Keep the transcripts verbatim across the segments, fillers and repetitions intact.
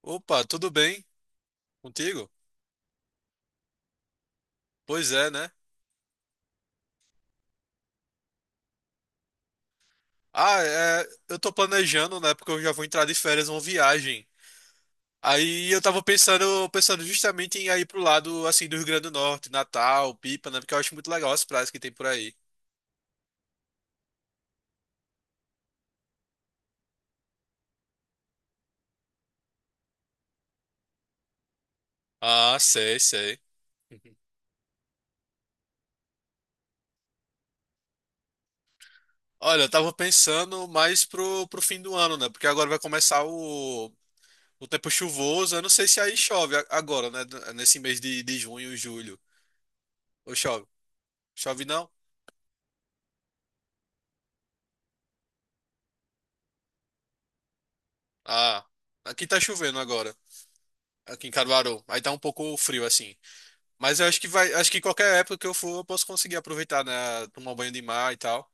Opa, tudo bem contigo? Pois é, né? Ah, é, eu tô planejando, né? Porque eu já vou entrar de férias uma viagem. Aí eu tava pensando, pensando justamente em ir pro lado assim do Rio Grande do Norte, Natal, Pipa, né? Porque eu acho muito legal as praias que tem por aí. Ah, sei, sei. Uhum. Olha, eu tava pensando mais pro, pro fim do ano, né? Porque agora vai começar o, o tempo chuvoso. Eu não sei se aí chove a- agora, né? Nesse mês de, de junho, julho. Ou chove? Chove não? Ah, aqui tá chovendo agora. Aqui em Caruaru. Aí tá um pouco frio assim. Mas eu acho que vai, acho que qualquer época que eu for, eu posso conseguir aproveitar, né? Tomar um banho de mar e tal.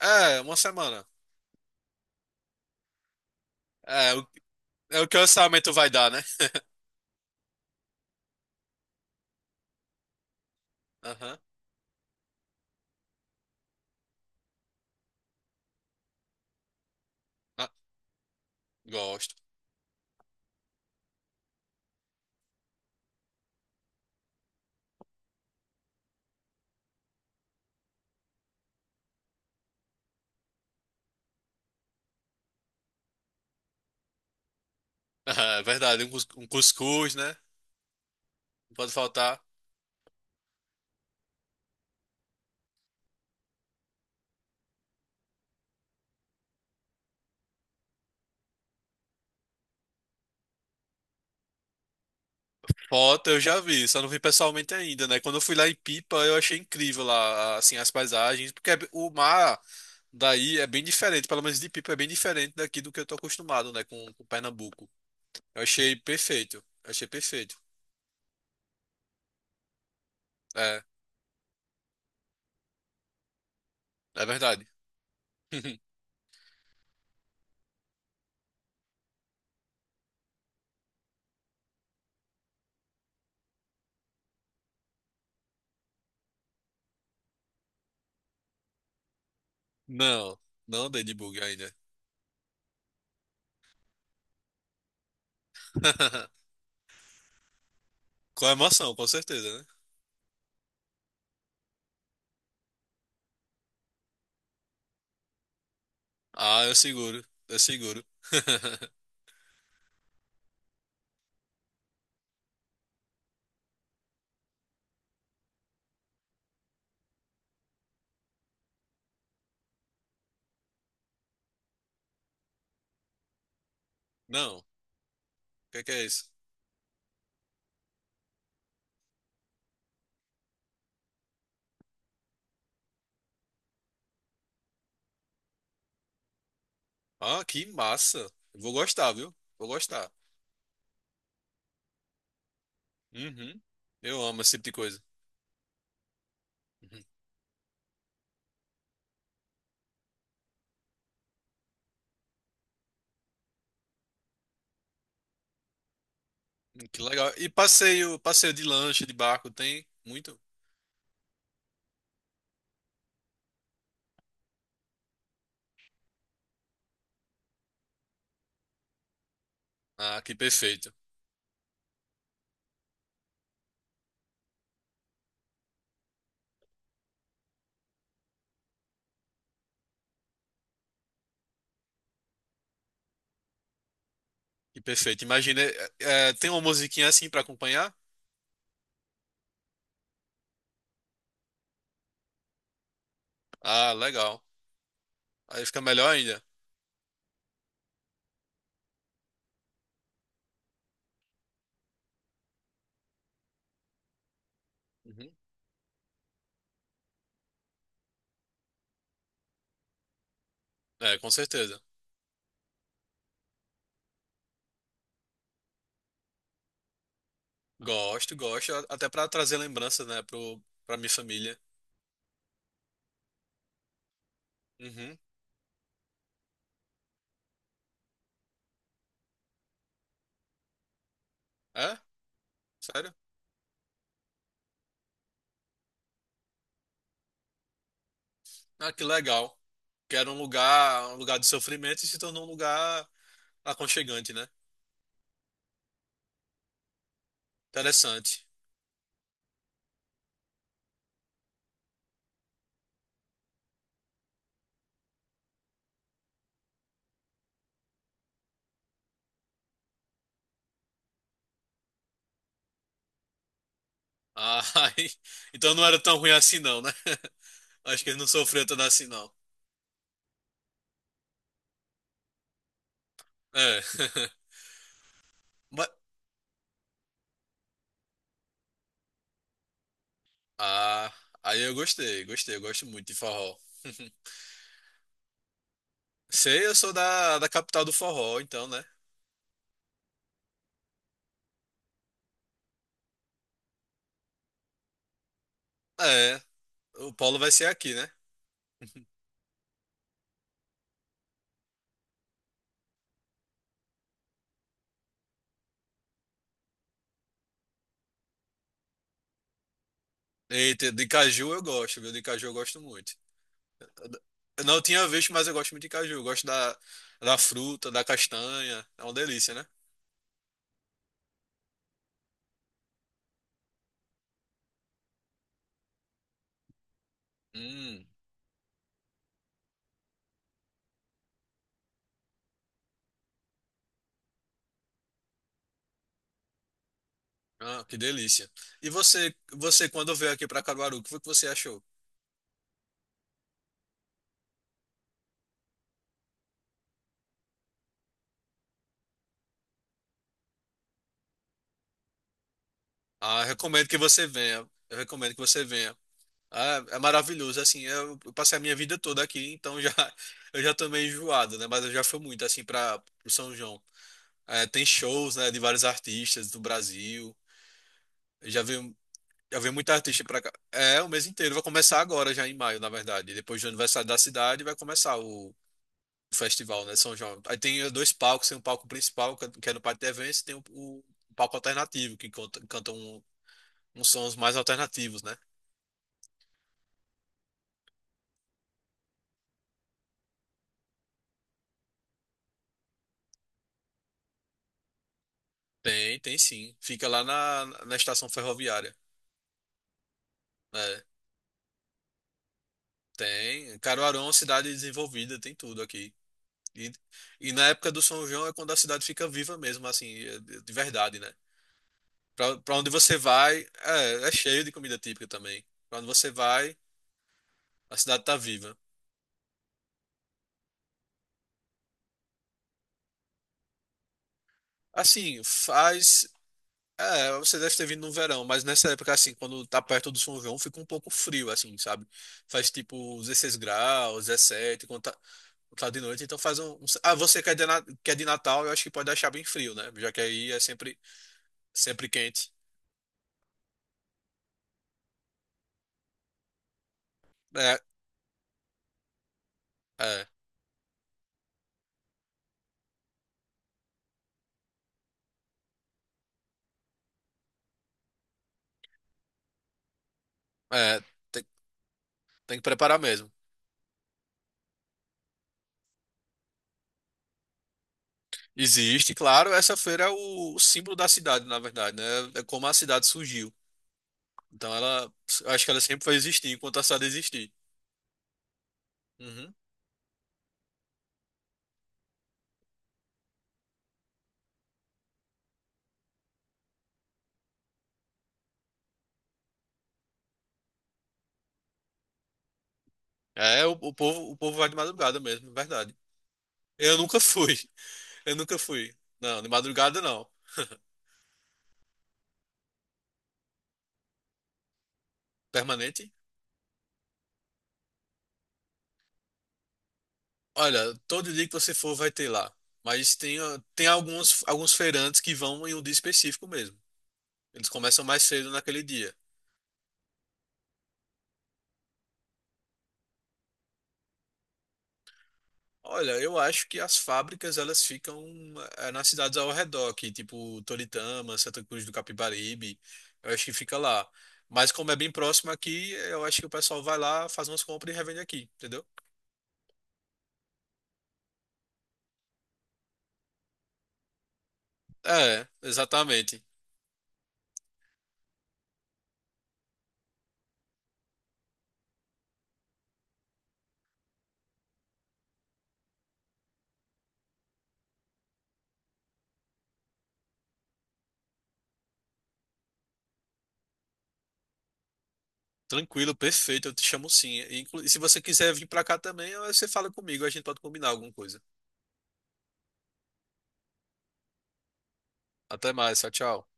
É, uma semana. É, o, é o que o orçamento vai dar, né? Aham. Ah, gosto. Ah, é verdade, um, cus- um cuscuz, né? Não pode faltar. Foto eu já vi, só não vi pessoalmente ainda, né? Quando eu fui lá em Pipa, eu achei incrível lá, assim, as paisagens, porque é- b- o mar daí é bem diferente, pelo menos de Pipa é bem diferente daqui do que eu tô acostumado, né, com, com Pernambuco. Eu achei perfeito, eu achei perfeito. É, é verdade. Não, não dei debug ainda. Com emoção, com certeza, né? Ah, eu seguro, eu seguro. Não, o que é que é isso? Ah, que massa. Eu vou gostar, viu? Vou gostar. Uhum. Eu amo esse tipo de coisa. Uhum. Hum, que legal. E passeio, passeio de lancha, de barco, tem muito? Ah, que perfeito. Que perfeito. Imagina, é, é, tem uma musiquinha assim pra acompanhar? Ah, legal. Aí fica melhor ainda. Uhum. É, com certeza. Gosto, gosto, a- até pra trazer lembranças, né, pro, pra minha família. Uhum. É? Sério? Ah, que legal. Que era um lugar, um lugar de sofrimento e se tornou um lugar aconchegante, né? Interessante. Ah, aí- então não era tão ruim assim não, né? Acho que ele não sofreu tanto assim não. É. Mas, ah, aí eu gostei, gostei, eu gosto muito de forró. Sei, eu sou da, da capital do forró, então, né? É, o Paulo vai ser aqui, né? Eita, de caju eu gosto, viu? De caju eu gosto muito. Eu não tinha visto, mas eu gosto muito de caju. Eu gosto da, da fruta, da castanha. É uma delícia, né? Hum, ah, que delícia. E você, você quando veio aqui para Caruaru, o que foi que você achou? Ah, eu recomendo que você venha. Eu recomendo que você venha. Ah, é maravilhoso, assim, eu eu passei a minha vida toda aqui, então já eu já tô meio enjoado, né? Mas eu já fui muito assim para o São João. É, tem shows, né, de vários artistas do Brasil. Eu já vi Já veio muita artista pra cá. É, o mês inteiro. Vai começar agora, já em maio, na verdade. Depois do aniversário da cidade, vai começar o o festival, né? São João. Aí tem dois palcos. Tem um palco principal, que é que é no Pátio de Eventos, e tem o, o palco alternativo, que conta- canta um, uns sons mais alternativos, né? Tem, tem sim. Fica lá na, na estação ferroviária. É, tem. Caruaru é uma cidade desenvolvida, tem tudo aqui. E, e na época do São João é quando a cidade fica viva mesmo, assim, de verdade, né? Pra, pra onde você vai, é, é cheio de comida típica também. Pra onde você vai, a cidade tá viva. Assim, faz. É, você deve ter vindo no verão, mas nessa época, assim, quando tá perto do São João, fica um pouco frio, assim, sabe? Faz tipo dezesseis graus, dezessete, quando tá, quando tá de noite, então faz um. um- ah, você que é de, Na- que é de Natal, eu acho que pode achar bem frio, né? Já que aí é sempre, sempre quente. É, é, é. Tem, tem que preparar mesmo. Existe, claro, essa feira é o símbolo da cidade, na verdade, né? É como a cidade surgiu. Então ela, eu acho que ela sempre vai existir enquanto a cidade existir. Uhum. É, o, o povo, o povo vai de madrugada mesmo, é verdade. Eu nunca fui, eu nunca fui. Não, de madrugada não. Permanente? Olha, todo dia que você for vai ter lá. Mas tem, ah, tem alguns, alguns feirantes que vão em um dia específico mesmo. Eles começam mais cedo naquele dia. Olha, eu acho que as fábricas elas ficam eh, nas cidades ao redor, que tipo Toritama, Santa Cruz do Capibaribe, eu acho que fica lá. Mas como é bem próximo aqui, eu acho que o pessoal vai lá, faz umas compras e revende aqui, entendeu? É, exatamente. Tranquilo, perfeito, eu te chamo sim. E, inclu- e se você quiser vir pra cá também, eh, você fala comigo, a gente pode combinar alguma coisa. Até mais, tchau, tchau.